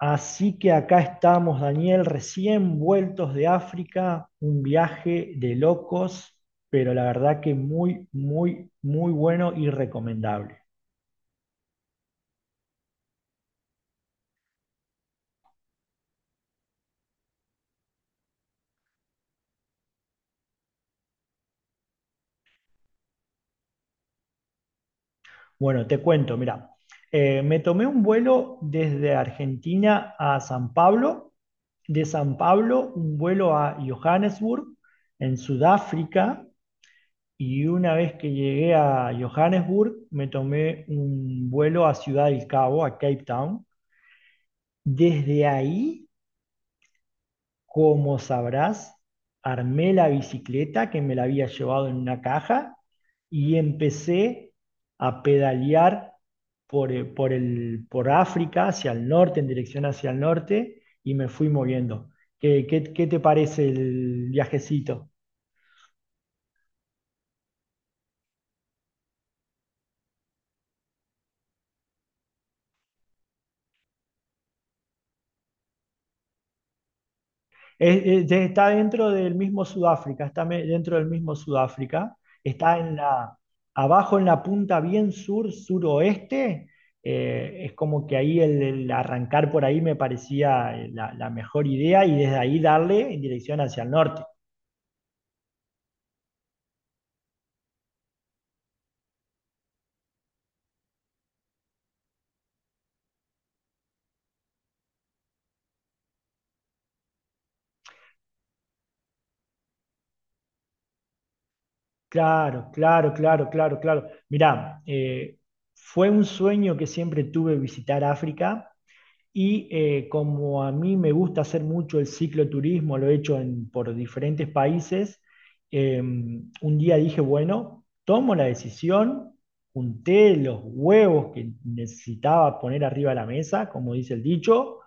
Así que acá estamos, Daniel, recién vueltos de África, un viaje de locos, pero la verdad que muy, muy, muy bueno y recomendable. Bueno, te cuento, mira, me tomé un vuelo desde Argentina a San Pablo, de San Pablo un vuelo a Johannesburg, en Sudáfrica, y una vez que llegué a Johannesburg, me tomé un vuelo a Ciudad del Cabo, a Cape Town. Desde ahí, como sabrás, armé la bicicleta que me la había llevado en una caja y empecé a pedalear por por África, hacia el norte, en dirección hacia el norte, y me fui moviendo. ¿Qué te parece el viajecito? Está dentro del mismo Sudáfrica, dentro del mismo Sudáfrica, está en la, abajo en la punta bien sur, suroeste, es como que ahí el arrancar por ahí me parecía la mejor idea y desde ahí darle en dirección hacia el norte. Claro, claro, claro, claro, claro. Mirá, fue un sueño que siempre tuve visitar África. Y como a mí me gusta hacer mucho el cicloturismo, lo he hecho en- por diferentes países. Un día dije, bueno, tomo la decisión, junté los huevos que necesitaba poner arriba de la mesa, como dice el dicho,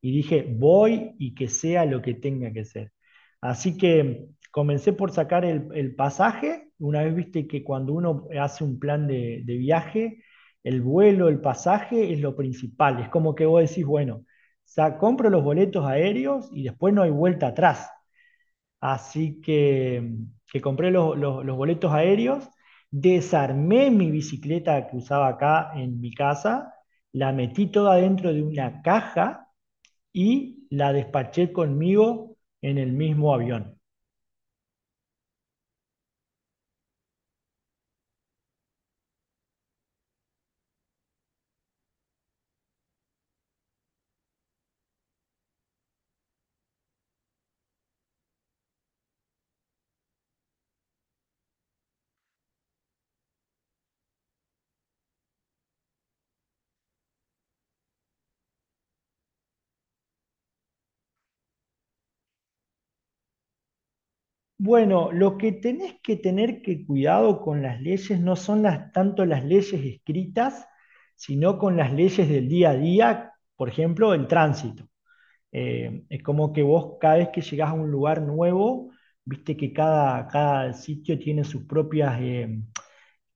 y dije, voy y que sea lo que tenga que ser. Así que comencé por sacar el pasaje. Una vez viste que cuando uno hace un plan de viaje, el vuelo, el pasaje es lo principal. Es como que vos decís, bueno, compro los boletos aéreos y después no hay vuelta atrás. Así que compré los boletos aéreos, desarmé mi bicicleta que usaba acá en mi casa, la metí toda dentro de una caja y la despaché conmigo en el mismo avión. Bueno, lo que tenés que tener que cuidado con las leyes no son las, tanto las leyes escritas, sino con las leyes del día a día, por ejemplo, el tránsito. Es como que vos cada vez que llegás a un lugar nuevo, viste que cada, cada sitio tiene sus propias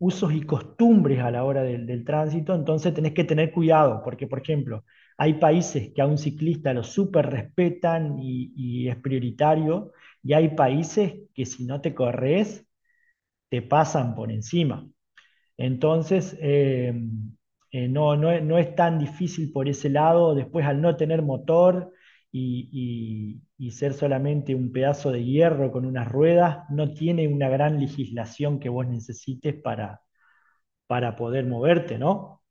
usos y costumbres a la hora del tránsito, entonces tenés que tener cuidado, porque por ejemplo, hay países que a un ciclista lo súper respetan y es prioritario, y hay países que si no te corres, te pasan por encima. Entonces, no es tan difícil por ese lado. Después, al no tener motor y ser solamente un pedazo de hierro con unas ruedas, no tiene una gran legislación que vos necesites para poder moverte, ¿no?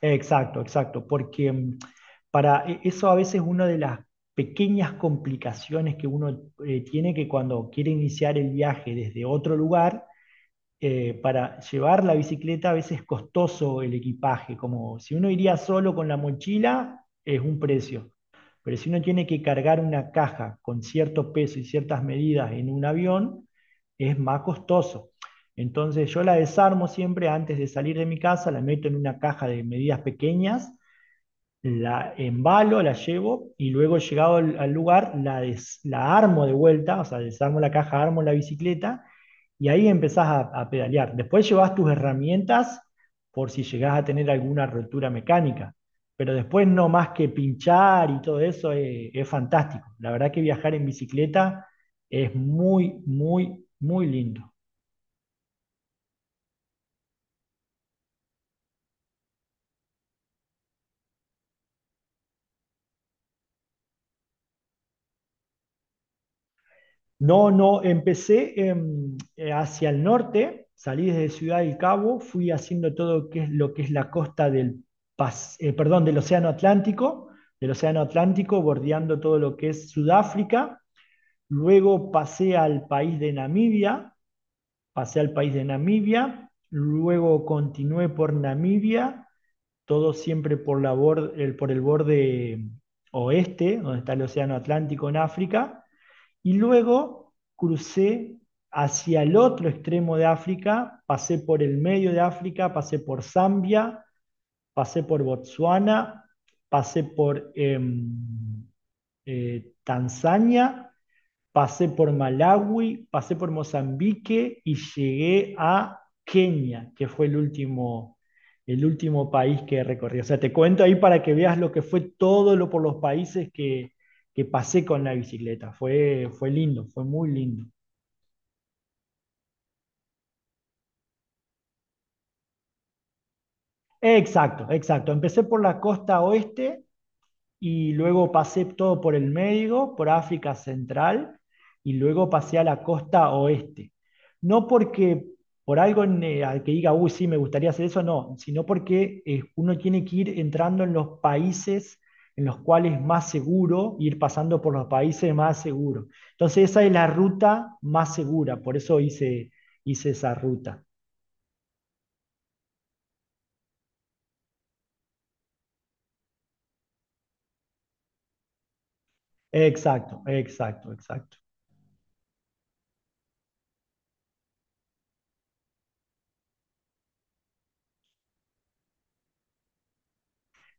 Exacto, exacto, porque mm, eso a veces es una de las pequeñas complicaciones que uno tiene, que cuando quiere iniciar el viaje desde otro lugar, para llevar la bicicleta a veces es costoso el equipaje. Como si uno iría solo con la mochila, es un precio. Pero si uno tiene que cargar una caja con cierto peso y ciertas medidas en un avión, es más costoso. Entonces yo la desarmo siempre antes de salir de mi casa, la meto en una caja de medidas pequeñas, la embalo, la llevo y luego llegado al lugar la armo de vuelta, o sea, desarmo la caja, armo la bicicleta y ahí empezás a pedalear. Después llevas tus herramientas por si llegás a tener alguna rotura mecánica, pero después no más que pinchar y todo eso es fantástico. La verdad que viajar en bicicleta es muy, muy, muy lindo. No, no, empecé hacia el norte, salí desde Ciudad del Cabo, fui haciendo todo que es lo que es la costa del perdón, del Océano Atlántico, bordeando todo lo que es Sudáfrica, luego pasé al país de Namibia, pasé al país de Namibia, luego continué por Namibia, todo siempre por, por el borde oeste, donde está el Océano Atlántico en África. Y luego crucé hacia el otro extremo de África, pasé por el medio de África, pasé por Zambia, pasé por Botsuana, pasé por Tanzania, pasé por Malawi, pasé por Mozambique y llegué a Kenia, que fue el último país que recorrí. O sea, te cuento ahí para que veas lo que fue todo lo por los países que pasé con la bicicleta. Fue, fue lindo, fue muy lindo. Exacto, exacto. Empecé por la costa oeste y luego pasé todo por el Médico, por África Central y luego pasé a la costa oeste. No porque por algo en, al que diga, uy, sí, me gustaría hacer eso, no, sino porque uno tiene que ir entrando en los países en los cuales es más seguro, ir pasando por los países más seguros. Entonces esa es la ruta más segura, por eso hice, hice esa ruta. Exacto, exacto, exacto.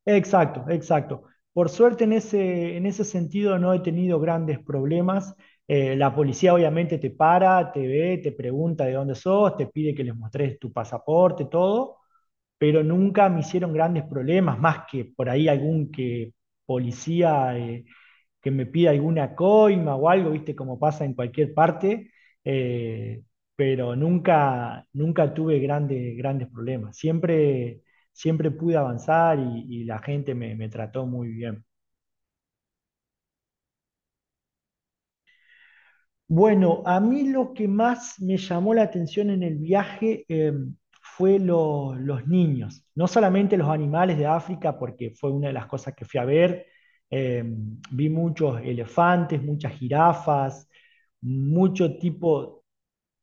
Exacto, exacto. Por suerte en ese sentido no he tenido grandes problemas. La policía obviamente te para, te ve, te pregunta de dónde sos, te pide que les mostres tu pasaporte, todo, pero nunca me hicieron grandes problemas, más que por ahí algún que policía que me pida alguna coima o algo, viste, como pasa en cualquier parte, eh, pero nunca, nunca tuve grandes, grandes problemas. Siempre, siempre pude avanzar y la gente me, me trató muy bien. Bueno, a mí lo que más me llamó la atención en el viaje los niños, no solamente los animales de África, porque fue una de las cosas que fui a ver. Eh, Vi muchos elefantes, muchas jirafas, mucho tipo.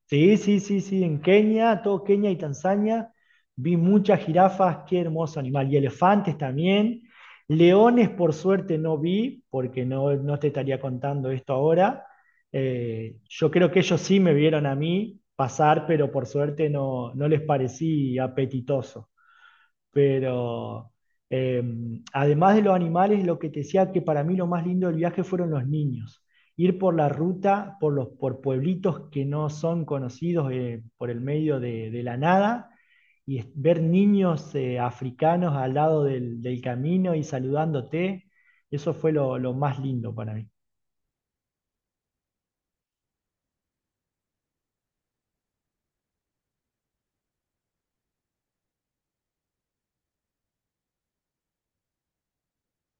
Sí, sí, sí, sí, en Kenia, todo Kenia y Tanzania, vi muchas jirafas, qué hermoso animal, y elefantes también. Leones, por suerte, no vi, porque no, no te estaría contando esto ahora. Yo creo que ellos sí me vieron a mí pasar, pero por suerte no, no les parecí apetitoso. Pero eh, además de los animales, lo que te decía, que para mí lo más lindo del viaje fueron los niños. Ir por la ruta, por los por pueblitos que no son conocidos, por el medio de la nada, y ver niños africanos al lado del camino y saludándote, eso fue lo más lindo para mí.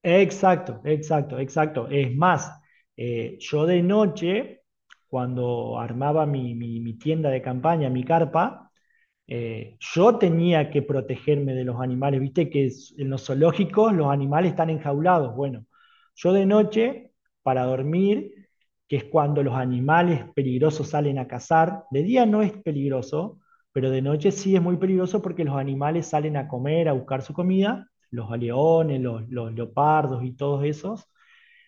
Exacto, exacto, exacto. Es más, yo de noche, cuando armaba mi, mi tienda de campaña, mi carpa, yo tenía que protegerme de los animales, viste que en los zoológicos los animales están enjaulados. Bueno, yo de noche, para dormir, que es cuando los animales peligrosos salen a cazar, de día no es peligroso, pero de noche sí es muy peligroso porque los animales salen a comer, a buscar su comida, los leones, los leopardos y todos esos.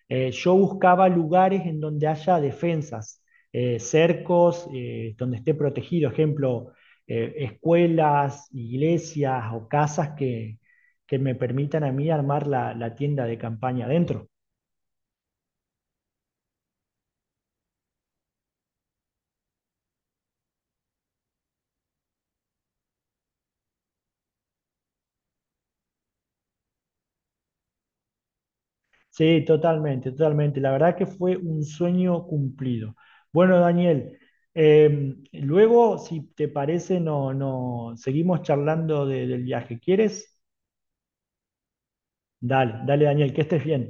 Yo buscaba lugares en donde haya defensas, cercos, donde esté protegido, ejemplo, escuelas, iglesias o casas que me permitan a mí armar la, la tienda de campaña adentro. Sí, totalmente, totalmente. La verdad que fue un sueño cumplido. Bueno, Daniel, luego, si te parece, no, no, seguimos charlando del viaje. ¿Quieres? Dale, dale, Daniel, que estés bien.